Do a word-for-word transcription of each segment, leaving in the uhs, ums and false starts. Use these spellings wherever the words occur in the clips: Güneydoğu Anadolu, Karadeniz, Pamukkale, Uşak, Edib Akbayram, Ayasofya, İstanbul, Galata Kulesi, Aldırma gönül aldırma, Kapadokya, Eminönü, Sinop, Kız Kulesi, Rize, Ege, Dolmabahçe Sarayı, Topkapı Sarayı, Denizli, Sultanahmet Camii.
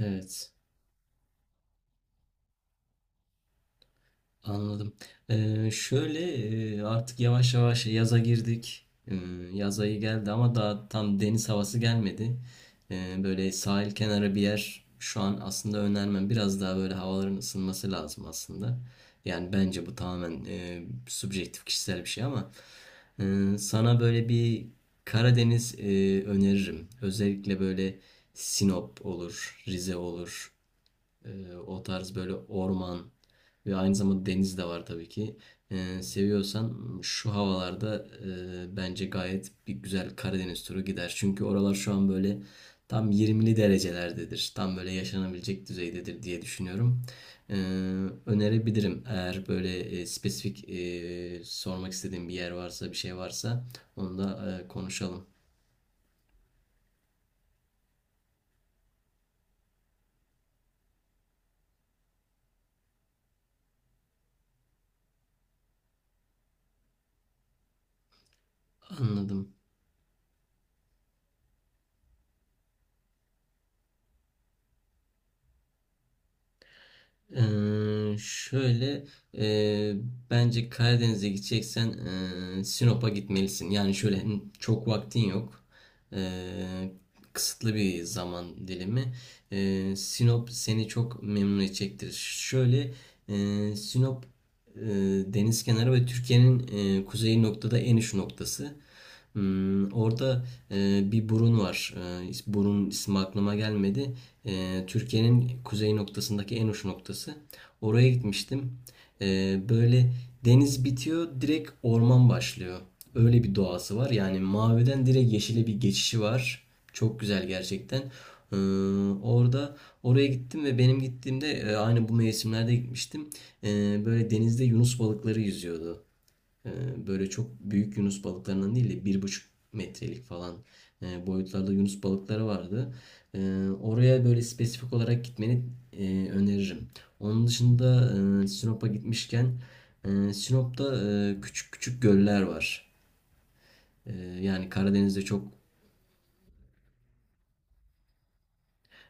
Evet, anladım. Ee, şöyle e, artık yavaş yavaş yaza girdik. Ee, yaz ayı geldi ama daha tam deniz havası gelmedi. Ee, böyle sahil kenarı bir yer şu an aslında önermem. Biraz daha böyle havaların ısınması lazım aslında. Yani bence bu tamamen e, subjektif kişisel bir şey ama e, sana böyle bir Karadeniz e, öneririm. Özellikle böyle Sinop olur, Rize olur. Ee, o tarz böyle orman ve aynı zamanda deniz de var tabii ki. Ee, seviyorsan şu havalarda e, bence gayet bir güzel Karadeniz turu gider. Çünkü oralar şu an böyle tam yirmili derecelerdedir. Tam böyle yaşanabilecek düzeydedir diye düşünüyorum. Ee, önerebilirim. Eğer böyle e, spesifik e, sormak istediğim bir yer varsa, bir şey varsa onu da e, konuşalım. Anladım. Ee, şöyle e, bence Karadeniz'e gideceksen e, Sinop'a gitmelisin. Yani şöyle, hı, çok vaktin yok. Ee, kısıtlı bir zaman dilimi. Ee, Sinop seni çok memnun edecektir. Şöyle e, Sinop e, deniz kenarı ve Türkiye'nin e, kuzey noktada en uç noktası. Hmm, orada e, bir burun var. E, is- burun ismi aklıma gelmedi. E, Türkiye'nin kuzey noktasındaki en uç noktası. Oraya gitmiştim. Ee, böyle deniz bitiyor, direkt orman başlıyor. Öyle bir doğası var. Yani maviden direkt yeşile bir geçişi var. Çok güzel gerçekten. Ee, orada oraya gittim ve benim gittiğimde e, aynı bu mevsimlerde gitmiştim. Ee, böyle denizde yunus balıkları yüzüyordu. Ee, Böyle çok büyük yunus balıklarından değil de bir buçuk metrelik falan e, boyutlarda yunus balıkları vardı. Ee, Oraya böyle spesifik olarak gitmeni e, öneririm. Onun dışında e, Sinop'a gitmişken e, Sinop'ta e, küçük küçük göller var. E, Yani Karadeniz'de çok,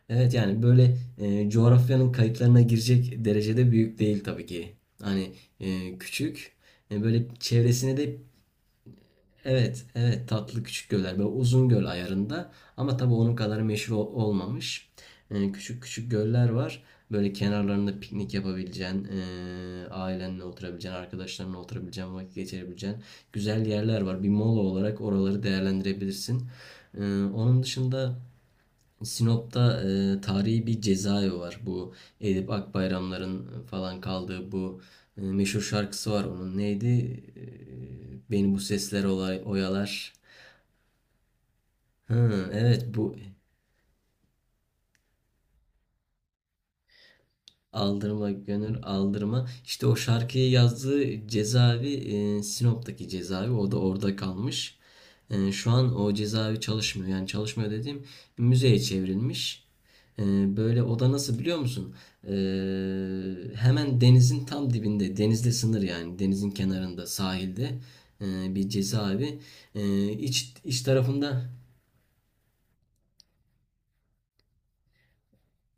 evet, yani böyle e, coğrafyanın kayıtlarına girecek derecede büyük değil tabii ki. Hani e, küçük, e, böyle çevresine de evet, evet, tatlı küçük göller böyle uzun göl ayarında ama tabii onun kadar meşhur ol- olmamış. Ee, küçük küçük göller var. Böyle kenarlarında piknik yapabileceğin, ee, ailenle oturabileceğin, arkadaşlarınla oturabileceğin, vakit geçirebileceğin güzel yerler var. Bir mola olarak oraları değerlendirebilirsin. Ee, onun dışında Sinop'ta e, tarihi bir cezaevi var. Bu Edip Akbayramların falan kaldığı bu e, meşhur şarkısı var onun. Neydi? E, beni bu sesler olay, oyalar. Hı, evet, bu Aldırma gönül aldırma. İşte o şarkıyı yazdığı cezaevi e, Sinop'taki cezaevi, o da orada kalmış. E, şu an o cezaevi çalışmıyor. Yani çalışmıyor dediğim, müzeye çevrilmiş. E, böyle o da, nasıl biliyor musun? E, hemen denizin tam dibinde, denizle sınır yani denizin kenarında sahilde e, bir cezaevi. E, iç, iç tarafında.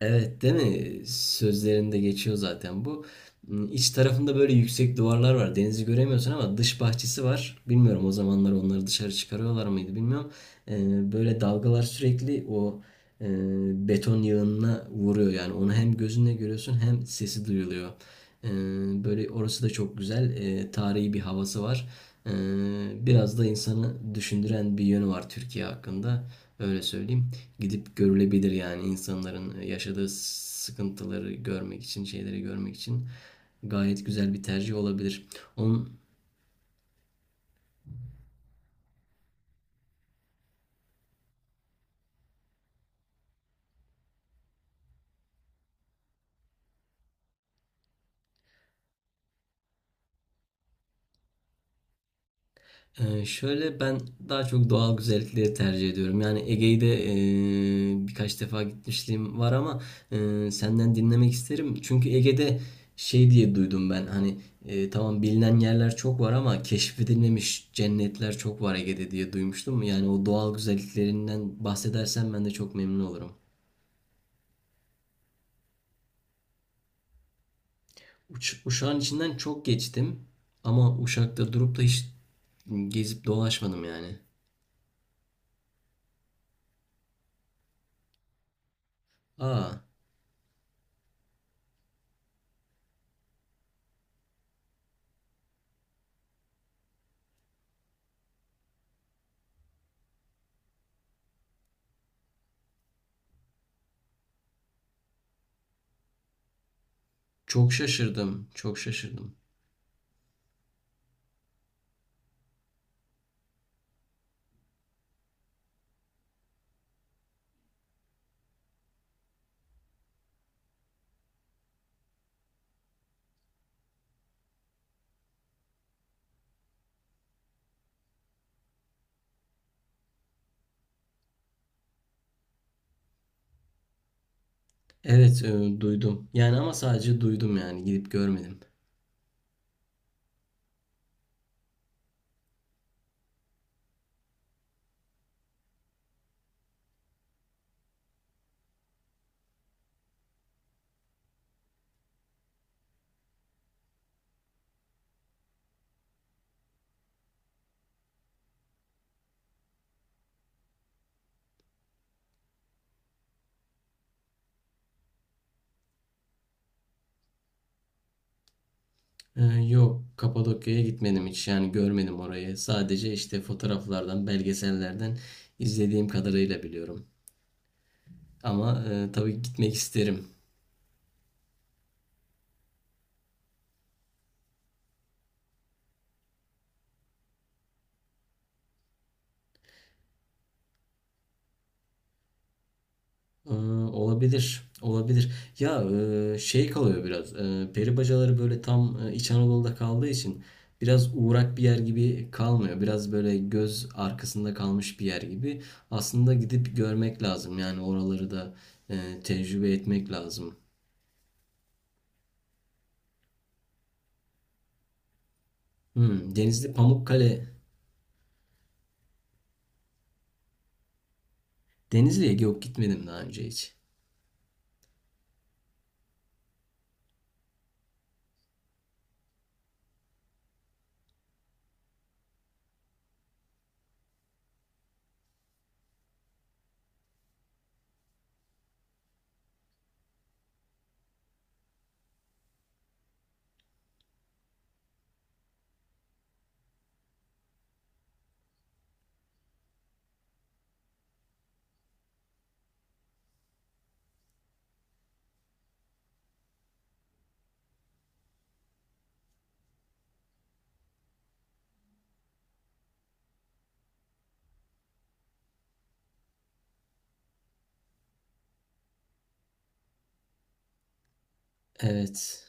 Evet, değil mi? Sözlerinde geçiyor zaten bu. Hmm, İç tarafında böyle yüksek duvarlar var. Denizi göremiyorsun ama dış bahçesi var. Bilmiyorum, o zamanlar onları dışarı çıkarıyorlar mıydı bilmiyorum. Ee, böyle dalgalar sürekli o e, beton yığınına vuruyor. Yani onu hem gözünle görüyorsun hem sesi duyuluyor. Ee, böyle orası da çok güzel. Ee, tarihi bir havası var. Ee, biraz da insanı düşündüren bir yönü var Türkiye hakkında. Öyle söyleyeyim. Gidip görülebilir yani, insanların yaşadığı sıkıntıları görmek için, şeyleri görmek için gayet güzel bir tercih olabilir. Onun Ee, şöyle ben daha çok doğal güzellikleri tercih ediyorum. Yani Ege'yi de e, birkaç defa gitmişliğim var ama e, senden dinlemek isterim. Çünkü Ege'de şey diye duydum ben, hani e, tamam, bilinen yerler çok var ama keşfedilmemiş cennetler çok var Ege'de diye duymuştum. Yani o doğal güzelliklerinden bahsedersen ben de çok memnun olurum. Uş- Uşak'ın içinden çok geçtim ama Uşak'ta durup da hiç gezip dolaşmadım yani. Aa, çok şaşırdım, çok şaşırdım. Evet, e, duydum. Yani ama sadece duydum yani, gidip görmedim. E, yok, Kapadokya'ya gitmedim hiç. Yani görmedim orayı. Sadece işte fotoğraflardan, belgesellerden izlediğim kadarıyla biliyorum. Ama e, tabii gitmek isterim. Ee, olabilir. Olabilir. Ya, e, şey kalıyor biraz. E, peri bacaları böyle tam e, İç Anadolu'da kaldığı için biraz uğrak bir yer gibi kalmıyor. Biraz böyle göz arkasında kalmış bir yer gibi. Aslında gidip görmek lazım. Yani oraları da e, tecrübe etmek lazım. Hmm, Denizli Pamukkale. Denizli'ye yok, gitmedim daha önce hiç. Evet.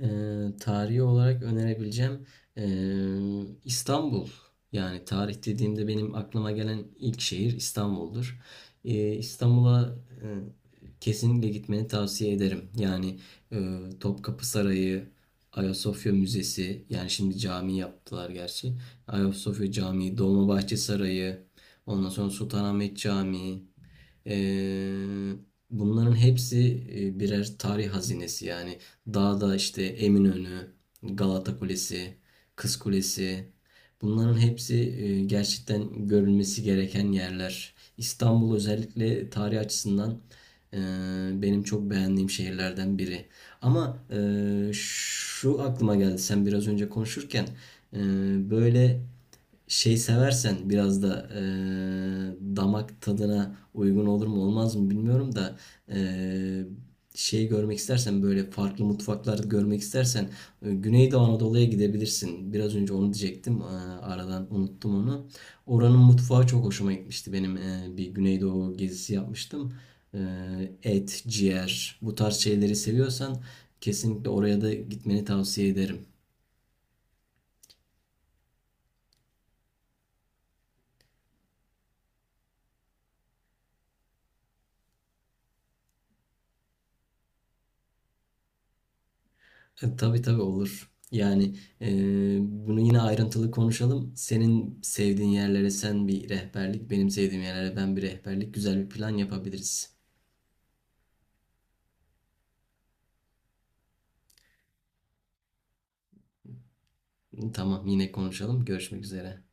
Eee, tarihi olarak önerebileceğim eee, İstanbul. Yani tarih dediğimde benim aklıma gelen ilk şehir İstanbul'dur. Eee, İstanbul'a eee, kesinlikle gitmeni tavsiye ederim. Yani eee, Topkapı Sarayı, Ayasofya Müzesi, yani şimdi cami yaptılar gerçi. Ayasofya Camii, Dolmabahçe Sarayı, ondan sonra Sultanahmet Camii. Eee, bunların hepsi e, birer tarih hazinesi yani. Dağda işte Eminönü, Galata Kulesi, Kız Kulesi. Bunların hepsi e, gerçekten görülmesi gereken yerler. İstanbul özellikle tarih açısından e, benim çok beğendiğim şehirlerden biri. Ama e, şu aklıma geldi sen biraz önce konuşurken, e, böyle şey seversen, biraz da e, damak tadına uygun olur mu olmaz mı bilmiyorum da e, şeyi görmek istersen, böyle farklı mutfaklar görmek istersen e, Güneydoğu Anadolu'ya gidebilirsin. Biraz önce onu diyecektim. e, Aradan unuttum onu. Oranın mutfağı çok hoşuma gitmişti. Benim e, bir Güneydoğu gezisi yapmıştım. E, Et, ciğer, bu tarz şeyleri seviyorsan kesinlikle oraya da gitmeni tavsiye ederim. E, Tabii tabii, olur. Yani e, bunu yine ayrıntılı konuşalım. Senin sevdiğin yerlere sen bir rehberlik, benim sevdiğim yerlere ben bir rehberlik, güzel bir plan yapabiliriz. Tamam, yine konuşalım. Görüşmek üzere.